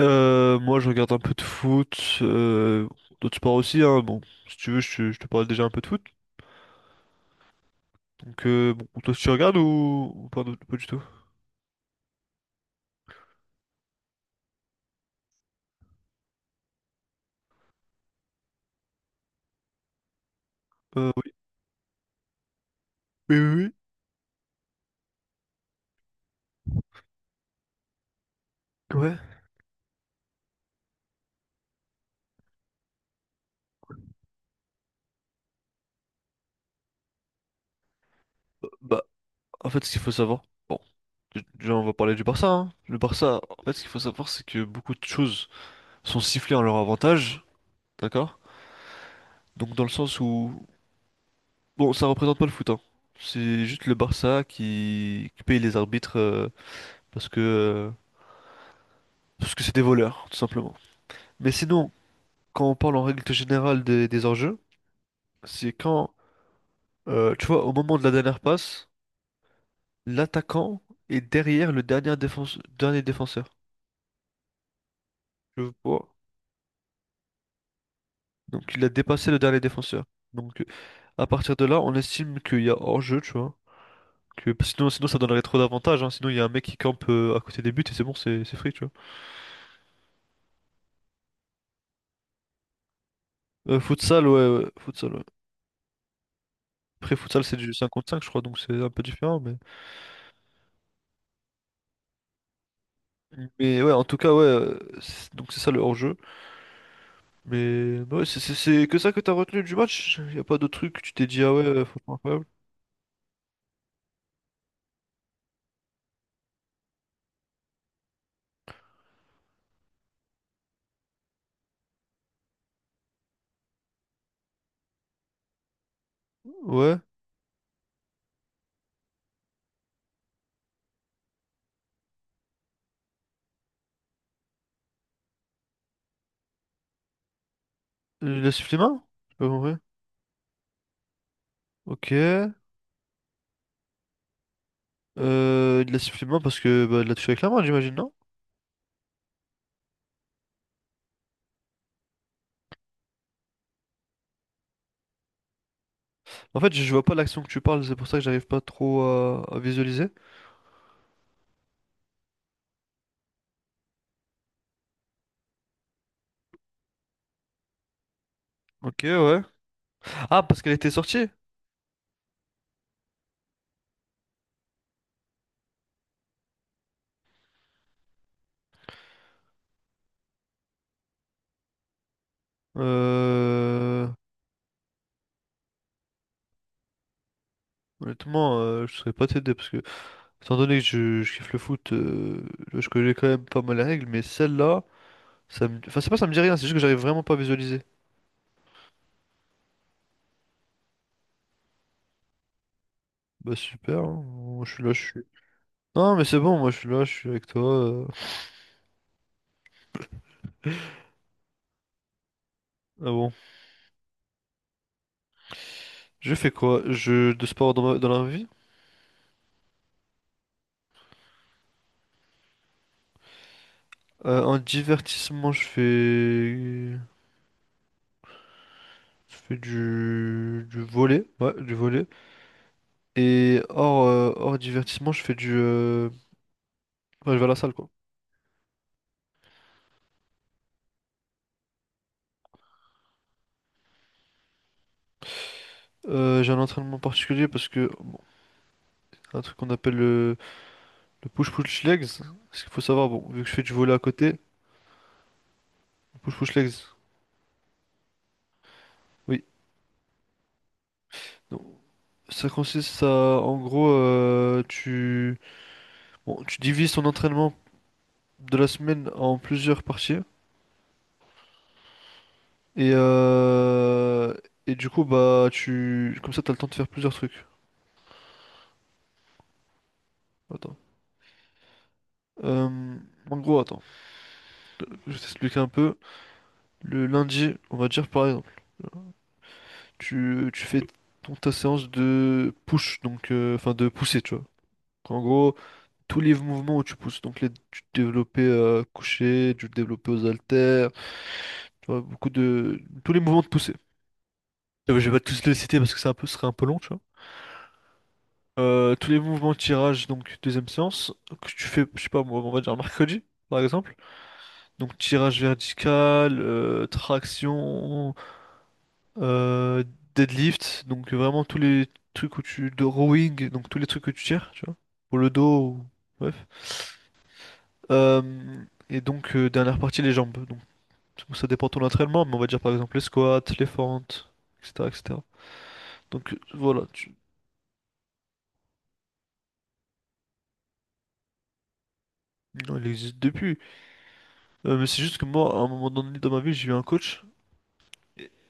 Moi, je regarde un peu de foot, d'autres sports aussi, hein. Bon, si tu veux, je te parle déjà un peu de foot. Donc, bon, toi, tu regardes ou pas, du pas du tout? Oui. Oui, oui, oui. Ouais. Euh, Bah, En fait, ce qu'il faut savoir, bon, déjà, on va parler du Barça, hein. Le Barça, en fait, ce qu'il faut savoir, c'est que beaucoup de choses sont sifflées en leur avantage, d'accord? Donc, dans le sens où, bon, ça représente pas le foot, hein. C'est juste le Barça qui paye les arbitres parce que euh, parce que c'est des voleurs, tout simplement. Mais sinon, quand on parle en règle générale des enjeux, c'est quand, tu vois, au moment de la dernière passe, l'attaquant est derrière dernier défenseur. Je vois. Donc il a dépassé le dernier défenseur. Donc à partir de là, on estime qu'il y a hors-jeu, tu vois. Que, sinon, sinon, ça donnerait trop d'avantages, hein. Sinon, il y a un mec qui campe à côté des buts et c'est bon, c'est free, tu vois. Ouais, futsal, ouais. Après, futsal, c'est du 5 contre 5, je crois, donc c'est un peu différent. Mais ouais, en tout cas, ouais, donc c'est ça le hors-jeu. Mais bah ouais, c'est que ça que t'as retenu du match? Y a pas d'autres trucs que tu t'es dit, ah ouais, franchement incroyable. Ouais. Il a sifflé main? J'ai pas compris. Ok. Il a sifflé main parce que bah, il l'a touché avec la main, j'imagine, non? En fait, je vois pas l'action que tu parles, c'est pour ça que j'arrive pas trop à visualiser. Ok, ouais. Ah, parce qu'elle était sortie? Euh... Honnêtement, je saurais pas t'aider parce que, étant donné que je kiffe le foot, je connais quand même pas mal les règles, mais celle-là, ça me... Enfin, c'est pas ça me dit rien, c'est juste que j'arrive vraiment pas à visualiser. Bah super, hein. Moi, je suis là, je suis... Non mais c'est bon, moi je suis là, je suis avec toi. euh. Ah bon, je fais quoi? Je... De sport dans, dans la vie? En divertissement, je fais... Je fais du volley, ouais, du volley. Et hors, hors divertissement, je fais du... Ouais, je vais à la salle quoi. J'ai un entraînement particulier parce que un truc qu'on appelle le push-push legs. Ce qu'il faut savoir, bon, vu que je fais du volley à côté, push-push legs. Oui. Donc, ça consiste à, en gros, bon, tu divises ton entraînement de la semaine en plusieurs parties et euh, et du coup bah tu comme ça t'as le temps de faire plusieurs trucs. Attends. Euh, En gros, attends, je vais t'expliquer un peu. Le lundi, on va dire par exemple, tu fais ta séance de push, donc enfin de pousser, tu vois. En gros, tous les mouvements où tu pousses, donc du développé couché, du développé aux haltères, tu vois, beaucoup de tous les mouvements de poussée. Je vais pas tous les citer parce que c'est un peu, ce serait un peu long, tu vois. Tous les mouvements tirage, donc deuxième séance, que tu fais, je sais pas moi, on va dire mercredi, par exemple. Donc tirage vertical, traction, euh, deadlift, donc vraiment tous les trucs où tu... de rowing, donc tous les trucs que tu tires, tu vois, pour le dos, ou- bref. Et donc dernière partie, les jambes. Donc ça dépend de ton entraînement, mais on va dire par exemple les squats, les fentes, etc., etc. Donc voilà, tu... Non, il existe depuis. Mais c'est juste que moi, à un moment donné dans ma vie, j'ai eu un coach.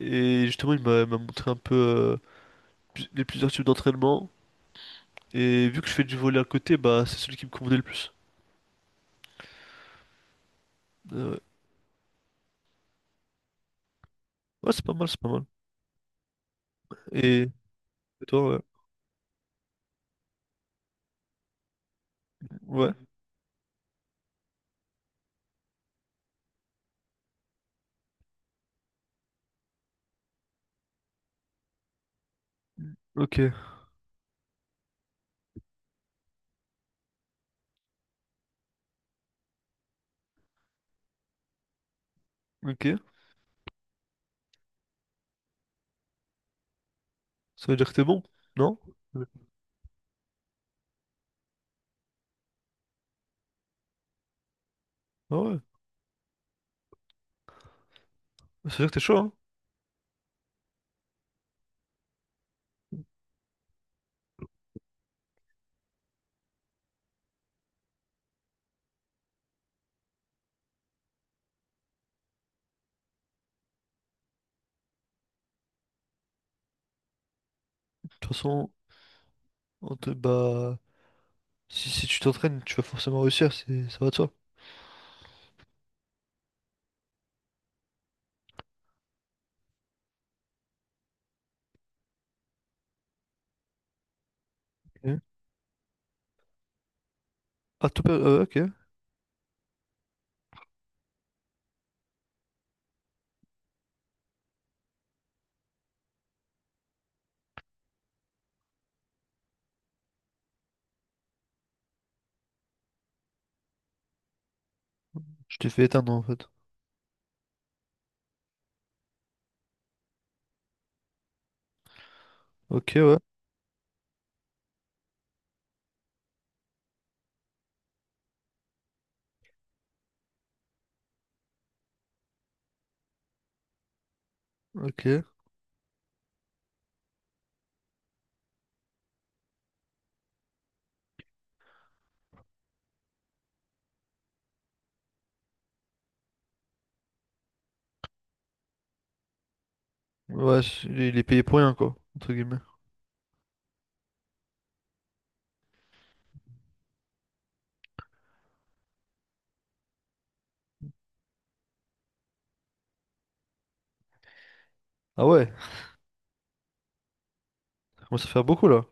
Et justement, il m'a m'a montré un peu les plusieurs types d'entraînement. Et vu que je fais du volley à côté, bah c'est celui qui me convenait le plus. Ouais, ouais, c'est pas mal, c'est pas mal. Et, et toi, ouais. Ouais, ok, ok. Ça veut dire que t'es bon, non? Ah ouais, ça veut dire que t'es chaud, hein? De toute façon, En te- bah, si, si tu t'entraînes, tu vas forcément réussir, c'est, ça va de soi. Ok. Ah, ok. Je t'ai fait éteindre en fait. Ok, ouais, ok. Ouais, il est payé pour rien, quoi, entre guillemets. Ah ouais, ça commence à faire beaucoup là.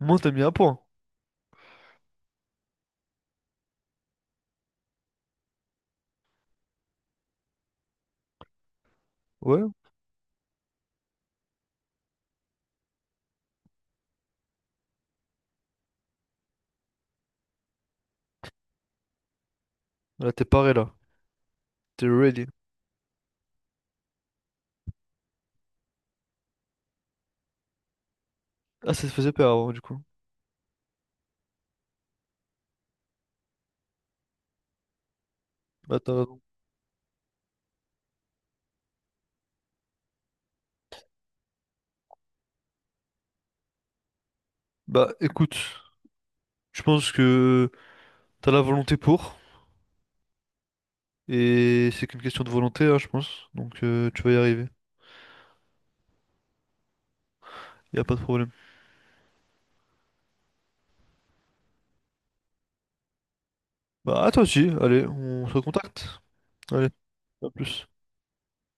Moi, t'as mis un point. Ouais, là, t'es paré là. T'es ready. Ah, ça te faisait peur avant, du coup. Bah, t'as raison. Bah, écoute, je pense que t'as la volonté pour. Et c'est qu'une question de volonté, hein, je pense. Donc, tu vas y arriver. Y a pas de problème. Bah, à toi aussi, allez, on se recontacte. Allez, à plus.